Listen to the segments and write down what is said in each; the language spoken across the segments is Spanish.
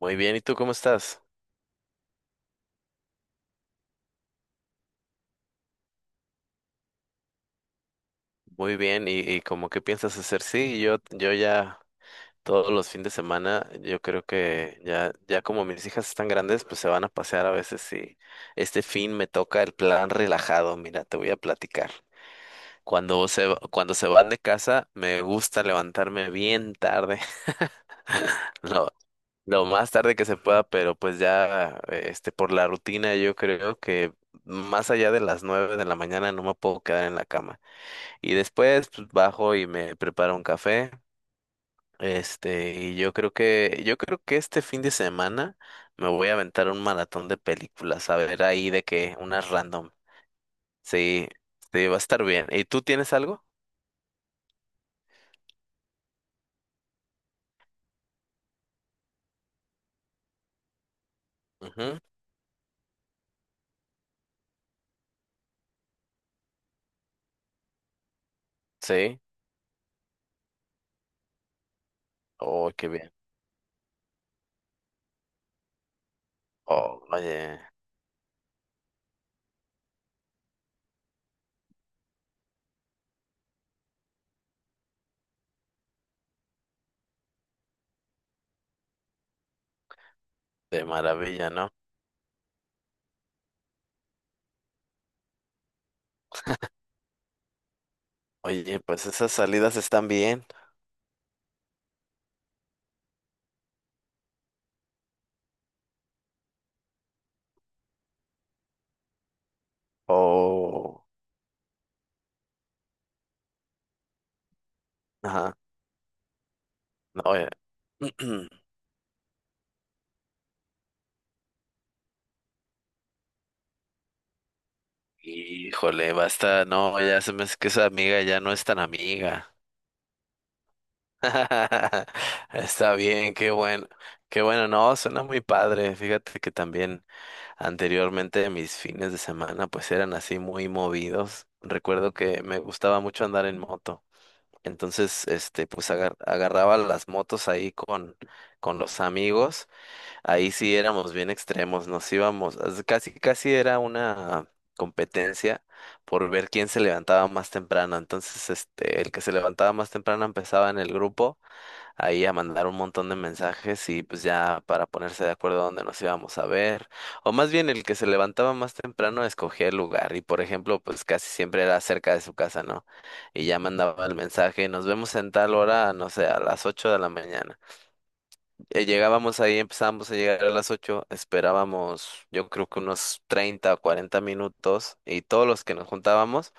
Muy bien, ¿y tú cómo estás? Muy bien, ¿y, cómo qué piensas hacer? Sí, yo ya todos los fines de semana, yo creo que ya como mis hijas están grandes, pues se van a pasear a veces y este fin me toca el plan relajado. Mira, te voy a platicar. Cuando se van de casa, me gusta levantarme bien tarde. lo, lo más tarde que se pueda, pero pues ya, por la rutina, yo creo que más allá de las 9 de la mañana no me puedo quedar en la cama. Y después pues bajo y me preparo un café. Y yo creo que, este fin de semana me voy a aventar un maratón de películas, a ver ahí de que unas random. Sí, sí, va a estar bien. ¿Y tú tienes algo? Ujú, sí. Oh, qué bien. Oh, oye, de maravilla, ¿no? Oye, pues esas salidas están bien. Oh, ajá. No, oye. Híjole, basta, no, ya se me hace que esa amiga ya no es tan amiga. Está bien, qué bueno, no, suena muy padre. Fíjate que también anteriormente mis fines de semana pues eran así muy movidos. Recuerdo que me gustaba mucho andar en moto. Entonces, pues agarraba las motos ahí con los amigos. Ahí sí éramos bien extremos, nos íbamos, casi, casi era una competencia por ver quién se levantaba más temprano. Entonces, el que se levantaba más temprano empezaba en el grupo ahí a mandar un montón de mensajes y pues ya para ponerse de acuerdo a dónde nos íbamos a ver. O más bien el que se levantaba más temprano escogía el lugar y por ejemplo pues casi siempre era cerca de su casa, ¿no? Y ya mandaba el mensaje, nos vemos en tal hora, no sé, a las 8 de la mañana. Llegábamos ahí, empezábamos a llegar a las 8, esperábamos yo creo que unos 30 o 40 minutos y todos los que nos juntábamos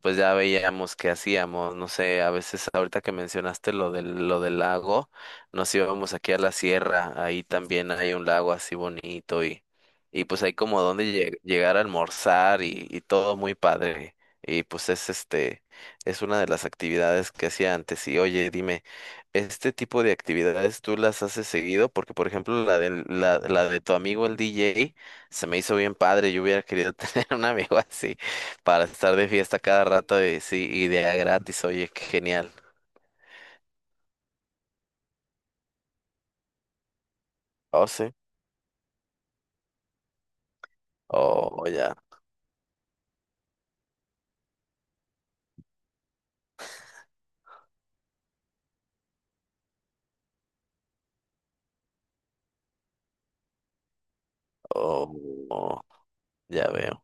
pues ya veíamos qué hacíamos, no sé, a veces ahorita que mencionaste lo del lago, nos íbamos aquí a la sierra, ahí también hay un lago así bonito y pues hay como donde llegar a almorzar y todo muy padre. Y pues es es una de las actividades que hacía antes. Y oye, dime, ¿este tipo de actividades tú las haces seguido? Porque, por ejemplo, la de tu amigo el DJ se me hizo bien padre. Yo hubiera querido tener un amigo así para estar de fiesta cada rato y sí, y de a gratis, oye, qué genial. Oh, sí. Oh, ya, oh, oh, ya veo.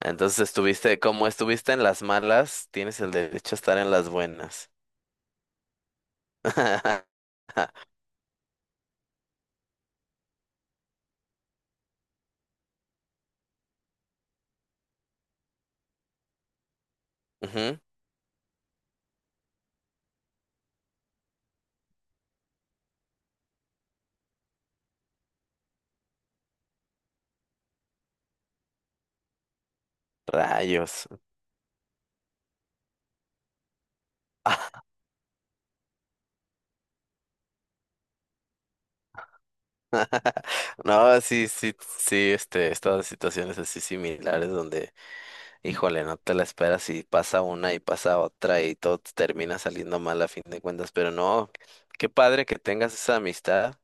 Entonces estuviste, como estuviste en las malas, tienes el derecho a estar en las buenas. Ujú. Rayos. No, sí, sí, sí, he estado en situaciones así similares donde, híjole, no te la esperas y pasa una y pasa otra y todo te termina saliendo mal a fin de cuentas, pero no, qué padre que tengas esa amistad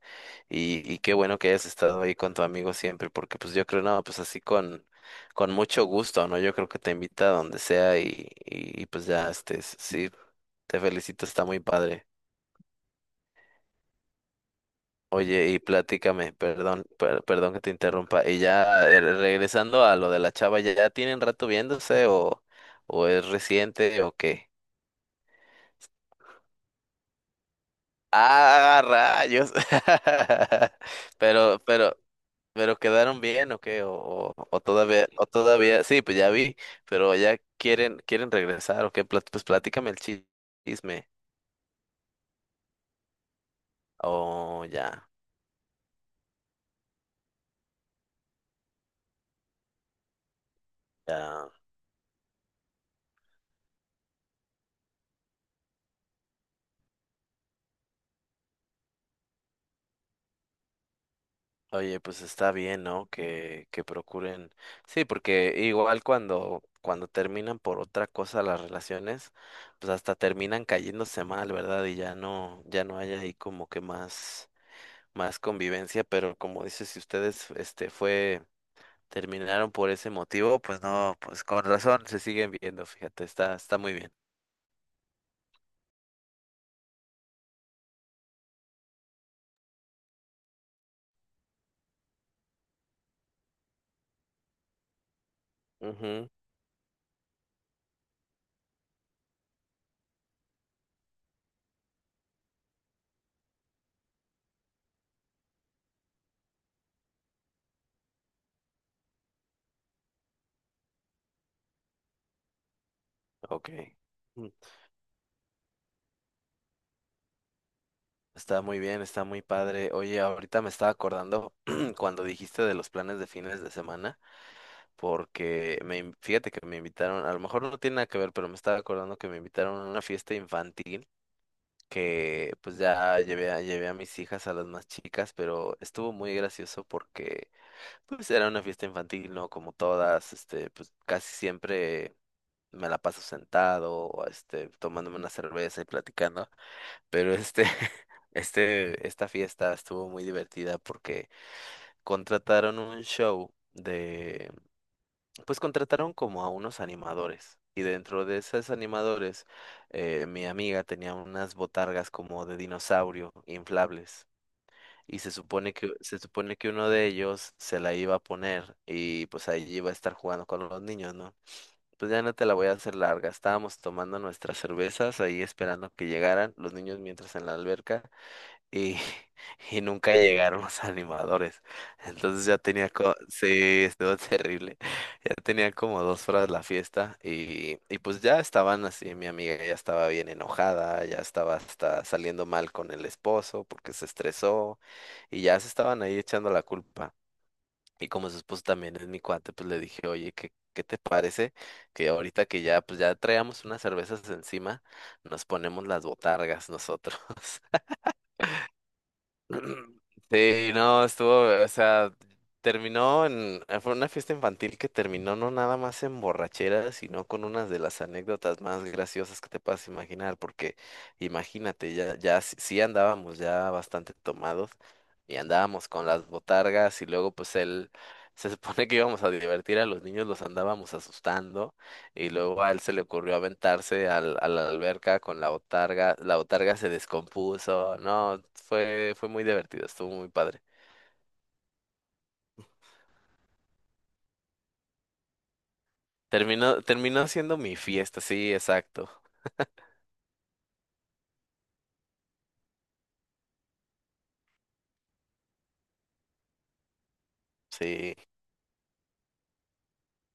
y qué bueno que hayas estado ahí con tu amigo siempre, porque pues yo creo, no, pues así con mucho gusto, ¿no? Yo creo que te invita a donde sea y pues ya, sí, te felicito, está muy padre. Oye, y platícame, perdón, perdón que te interrumpa, y ya regresando a lo de la chava, ¿ya, ya tienen rato viéndose o es reciente o qué? Ah, rayos. Pero, pero, pero quedaron bien, ¿o qué? O todavía, sí, pues ya vi, pero ya quieren, quieren regresar, ¿o qué? Pues platícame el chisme. Oh, ya, ya. Oye, pues está bien, ¿no? Que procuren. Sí, porque igual cuando, cuando terminan por otra cosa las relaciones, pues hasta terminan cayéndose mal, ¿verdad? Y ya no, ya no hay ahí como que más, más convivencia, pero como dices, si ustedes este fue, terminaron por ese motivo, pues no, pues con razón se siguen viendo, fíjate, está muy bien. Ujú, ok. Mm, está muy bien, está muy padre. Oye, ahorita me estaba acordando cuando dijiste de los planes de fines de semana, porque fíjate que me invitaron, a lo mejor no tiene nada que ver, pero me estaba acordando que me invitaron a una fiesta infantil, que pues ya llevé llevé a mis hijas, a las más chicas, pero estuvo muy gracioso porque, pues era una fiesta infantil, ¿no? Como todas, pues casi siempre me la paso sentado, tomándome una cerveza y platicando, pero esta fiesta estuvo muy divertida porque contrataron un show de, pues contrataron como a unos animadores. Y dentro de esos animadores, mi amiga tenía unas botargas como de dinosaurio inflables y se supone que uno de ellos se la iba a poner y pues ahí iba a estar jugando con los niños, ¿no? Pues ya no te la voy a hacer larga. Estábamos tomando nuestras cervezas ahí esperando que llegaran los niños mientras en la alberca y, y nunca llegaron los animadores. Entonces ya tenía, sí, estuvo terrible. Ya tenía como 2 horas la fiesta y pues ya estaban así, mi amiga ya estaba bien enojada, ya estaba hasta saliendo mal con el esposo porque se estresó y ya se estaban ahí echando la culpa. Y como su esposo también es mi cuate, pues le dije, oye, ¿qué, qué te parece que ahorita que ya, pues ya traíamos unas cervezas encima, nos ponemos las botargas nosotros? Sí, no, estuvo, o sea, terminó en, fue una fiesta infantil que terminó no nada más en borrachera, sino con unas de las anécdotas más graciosas que te puedas imaginar, porque imagínate, ya, ya sí andábamos ya bastante tomados y andábamos con las botargas y luego pues él, se supone que íbamos a divertir a los niños, los andábamos asustando. Y luego a él se le ocurrió aventarse al, a la alberca con la botarga. La botarga se descompuso. No, fue, fue muy divertido, estuvo muy padre. Terminó, terminó siendo mi fiesta, sí, exacto. Sí,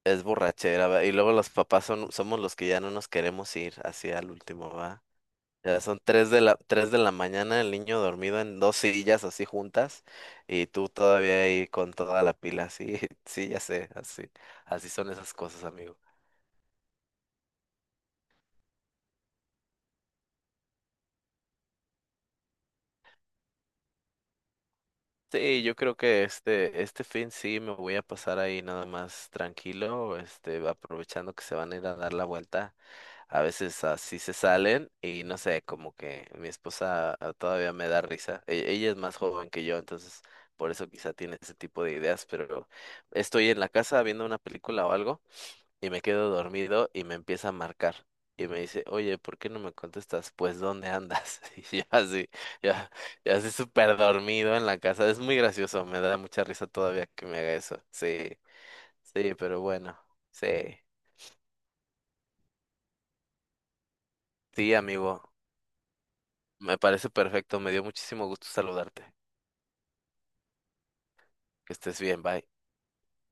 es borrachera, va. Y luego los papás son, somos los que ya no nos queremos ir hacia el último, va. Ya son tres de la, 3 de la mañana, el niño dormido en 2 sillas así juntas, y tú todavía ahí con toda la pila, sí, sí, ya sé, así, así son esas cosas, amigo. Sí, yo creo que este fin sí me voy a pasar ahí nada más tranquilo, aprovechando que se van a ir a dar la vuelta. A veces así se salen y no sé, como que mi esposa, ah, todavía me da risa. Ella es más joven que yo, entonces por eso quizá tiene ese tipo de ideas, pero estoy en la casa viendo una película o algo y me quedo dormido y me empieza a marcar. Y me dice, oye, ¿por qué no me contestas? Pues, ¿dónde andas? Y yo así, ya, ya así súper dormido en la casa. Es muy gracioso, me da mucha risa todavía que me haga eso. Sí, sí, pero bueno, sí. Sí, amigo, me parece perfecto, me dio muchísimo gusto saludarte. Que estés bien, bye.